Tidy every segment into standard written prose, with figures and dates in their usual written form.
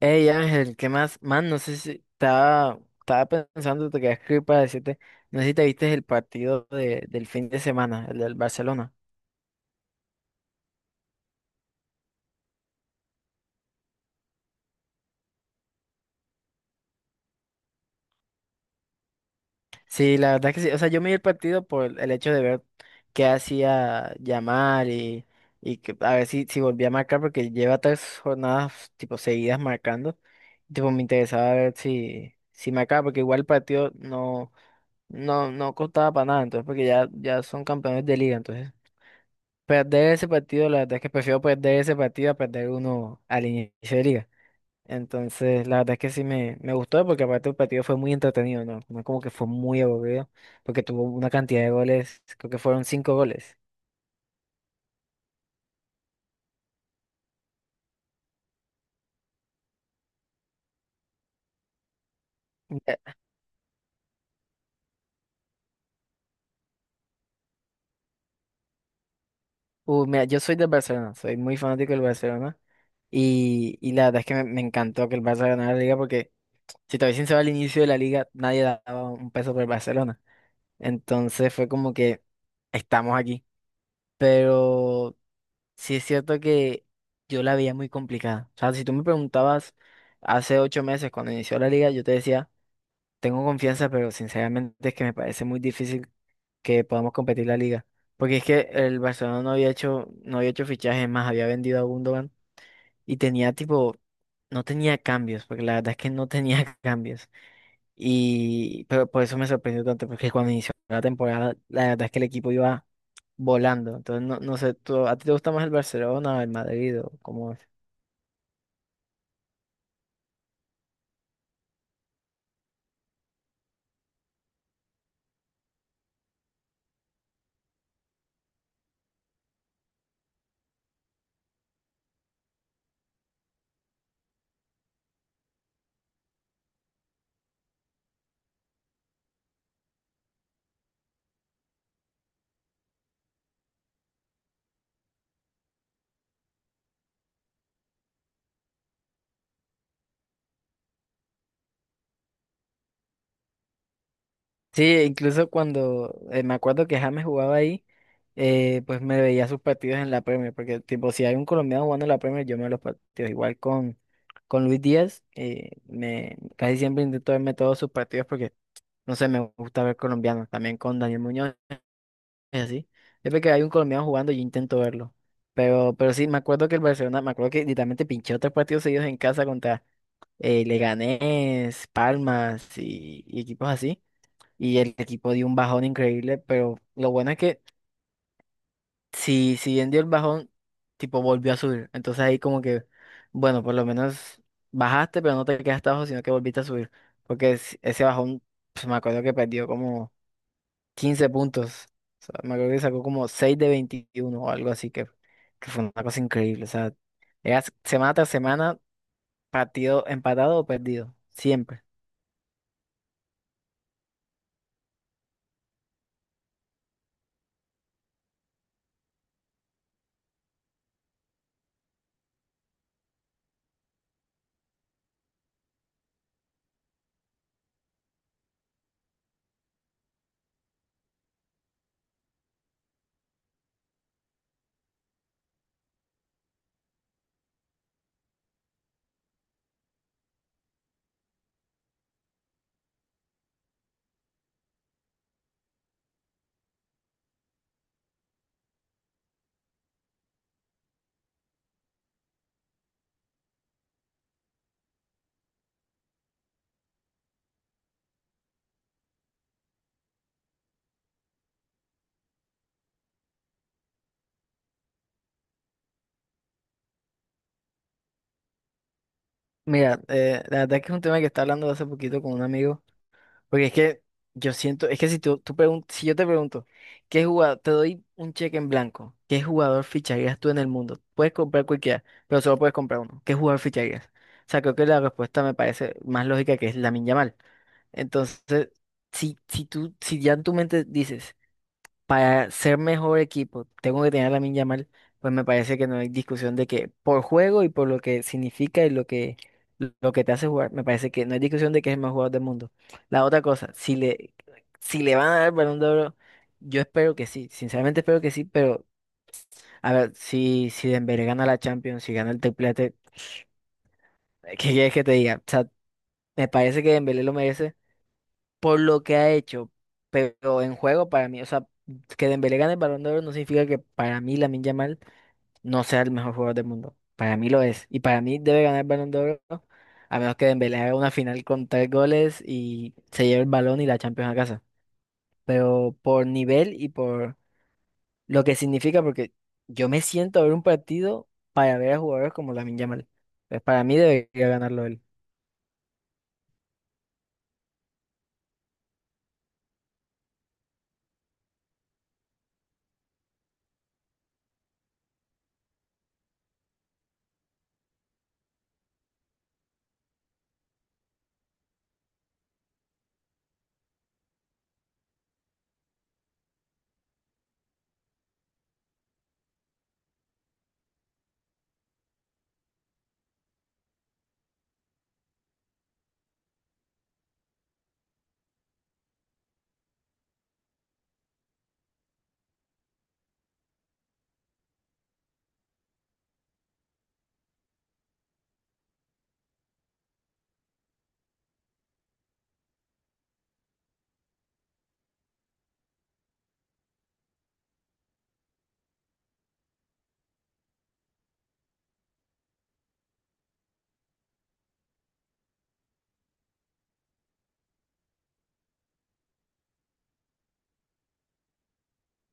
Hey Ángel, ¿qué más? Man, no sé si estaba pensando, te quería escribir para decirte, no sé si te viste el partido del fin de semana, el del Barcelona. Sí, la verdad que sí, o sea, yo me vi el partido por el hecho de ver qué hacía Yamal y que, a ver si volvía a marcar, porque lleva tres jornadas tipo seguidas marcando. Tipo, me interesaba ver si marcaba, porque igual el partido no costaba para nada, entonces, porque ya son campeones de liga, entonces. Perder ese partido, la verdad es que prefiero perder ese partido a perder uno al inicio de liga. Entonces, la verdad es que sí me gustó porque aparte el partido fue muy entretenido, ¿no? No como que fue muy aburrido porque tuvo una cantidad de goles, creo que fueron cinco goles. Mira, mira, yo soy del Barcelona, soy muy fanático del Barcelona y la verdad es que me encantó que el Barça ganara la liga porque, si te voy sincero, al inicio de la liga nadie daba un peso por el Barcelona. Entonces fue como que estamos aquí. Pero sí es cierto que yo la veía muy complicada. O sea, si tú me preguntabas hace 8 meses cuando inició la liga, yo te decía, tengo confianza, pero sinceramente es que me parece muy difícil que podamos competir la liga. Porque es que el Barcelona no había hecho fichajes más, había vendido a Gundogan y tenía tipo, no tenía cambios, porque la verdad es que no tenía cambios. Y pero por eso me sorprendió tanto, porque cuando inició la temporada, la verdad es que el equipo iba volando. Entonces, no sé, ¿a ti te gusta más el Barcelona, o el Madrid o cómo es? Sí, incluso cuando me acuerdo que James jugaba ahí, pues me veía sus partidos en la Premier, porque tipo, si hay un colombiano jugando en la Premier, yo me veo los partidos. Igual con Luis Díaz, casi siempre intento verme todos sus partidos porque, no sé, me gusta ver colombianos. También con Daniel Muñoz es así. Siempre que hay un colombiano jugando, yo intento verlo. Pero sí, me acuerdo que el Barcelona, me acuerdo que literalmente pinché otros partidos seguidos en casa contra Leganés, Palmas y equipos así. Y el equipo dio un bajón increíble, pero lo bueno es que si bien dio el bajón, tipo volvió a subir. Entonces ahí como que, bueno, por lo menos bajaste, pero no te quedaste abajo, sino que volviste a subir. Porque ese bajón, pues, me acuerdo que perdió como 15 puntos. O sea, me acuerdo que sacó como 6 de 21 o algo así, que fue una cosa increíble. O sea, era semana tras semana, partido empatado o perdido, siempre. Mira, la verdad que es un tema que estaba hablando hace poquito con un amigo, porque es que yo siento, es que si yo te pregunto, ¿qué jugador, te doy un cheque en blanco, ¿qué jugador ficharías tú en el mundo? Puedes comprar cualquiera, pero solo puedes comprar uno. ¿Qué jugador ficharías? O sea, creo que la respuesta me parece más lógica que es Lamine Yamal. Entonces, si ya en tu mente dices para ser mejor equipo, tengo que tener a Lamine Yamal, pues me parece que no hay discusión de que por juego y por lo que significa y lo que te hace jugar, me parece que no hay discusión de que es el mejor jugador del mundo. La otra cosa, si le van a dar el Balón de Oro, yo espero que sí, sinceramente espero que sí, pero a ver, si Dembélé gana la Champions, si gana el triplete, ¿qué quieres que te diga? O sea, me parece que Dembélé lo merece por lo que ha hecho, pero en juego para mí, o sea, que Dembélé gane el Balón de Oro no significa que para mí Lamine Yamal no sea el mejor jugador del mundo. Para mí lo es y para mí debe ganar el Balón de Oro a menos que Dembélé haga una final con tres goles y se lleve el balón y la Champions a casa. Pero por nivel y por lo que significa, porque yo me siento a ver un partido para ver a jugadores como Lamine Yamal. Pues para mí debería ganarlo él.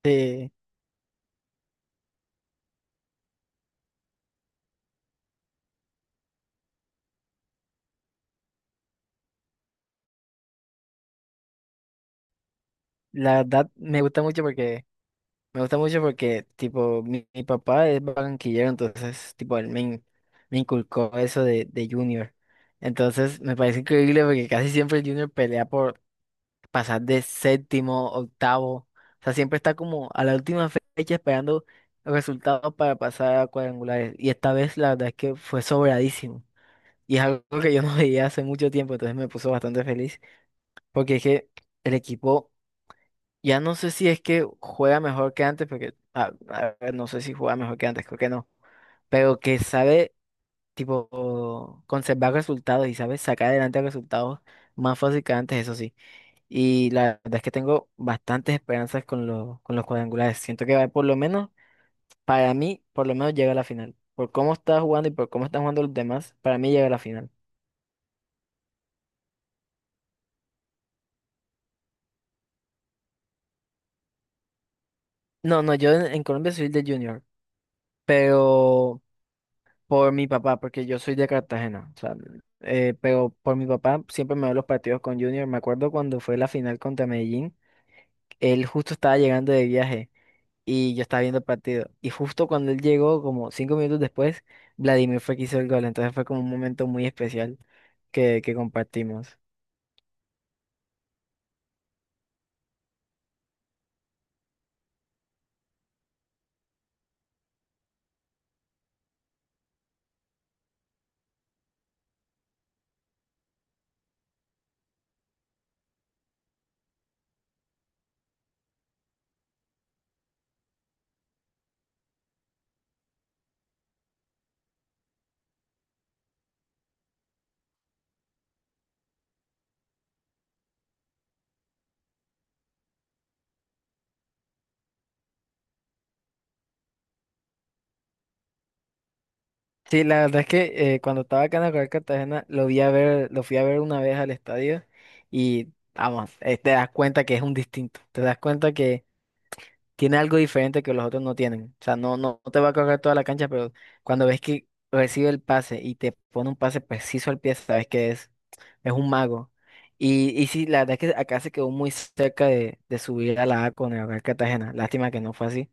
Sí, la verdad me gusta mucho porque me gusta mucho porque, tipo, mi papá es barranquillero, entonces, tipo, me inculcó eso de Junior. Entonces, me parece increíble porque casi siempre el Junior pelea por pasar de séptimo, octavo. O sea, siempre está como a la última fecha esperando resultados para pasar a cuadrangulares. Y esta vez, la verdad es que fue sobradísimo. Y es algo que yo no veía hace mucho tiempo, entonces me puso bastante feliz. Porque es que el equipo. Ya no sé si es que juega mejor que antes, porque a ver, no sé si juega mejor que antes, creo que no. Pero que sabe, tipo, conservar resultados y sabe sacar adelante resultados más fácil que antes, eso sí. Y la verdad es que tengo bastantes esperanzas con los cuadrangulares. Siento que va, por lo menos, para mí, por lo menos llega a la final. Por cómo está jugando y por cómo están jugando los demás, para mí llega a la final. No, no, yo en Colombia soy de Junior, pero por mi papá, porque yo soy de Cartagena, o sea, pero por mi papá siempre me veo los partidos con Junior. Me acuerdo cuando fue la final contra Medellín, él justo estaba llegando de viaje y yo estaba viendo el partido. Y justo cuando él llegó, como 5 minutos después, Vladimir fue quien hizo el gol. Entonces fue como un momento muy especial que compartimos. Sí, la verdad es que cuando estaba acá en la Real Cartagena, lo vi a ver, lo fui a ver una vez al estadio y vamos, te das cuenta que es un distinto. Te das cuenta tiene algo diferente que los otros no tienen. O sea, no te va a correr toda la cancha, pero cuando ves que recibe el pase y te pone un pase preciso al pie, sabes que es un mago. Y sí, la verdad es que acá se quedó muy cerca de subir a la A con el Real Cartagena. Lástima que no fue así,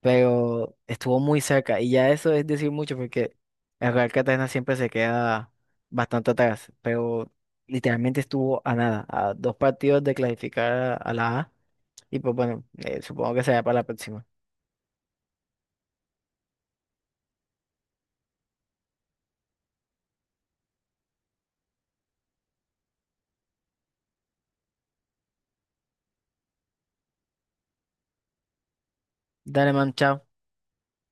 pero estuvo muy cerca. Y ya eso es decir mucho porque el Real Cartagena siempre se queda bastante atrás, pero literalmente estuvo a nada, a dos partidos de clasificar a la A. Y pues bueno, supongo que será para la próxima. Dale, man, chao.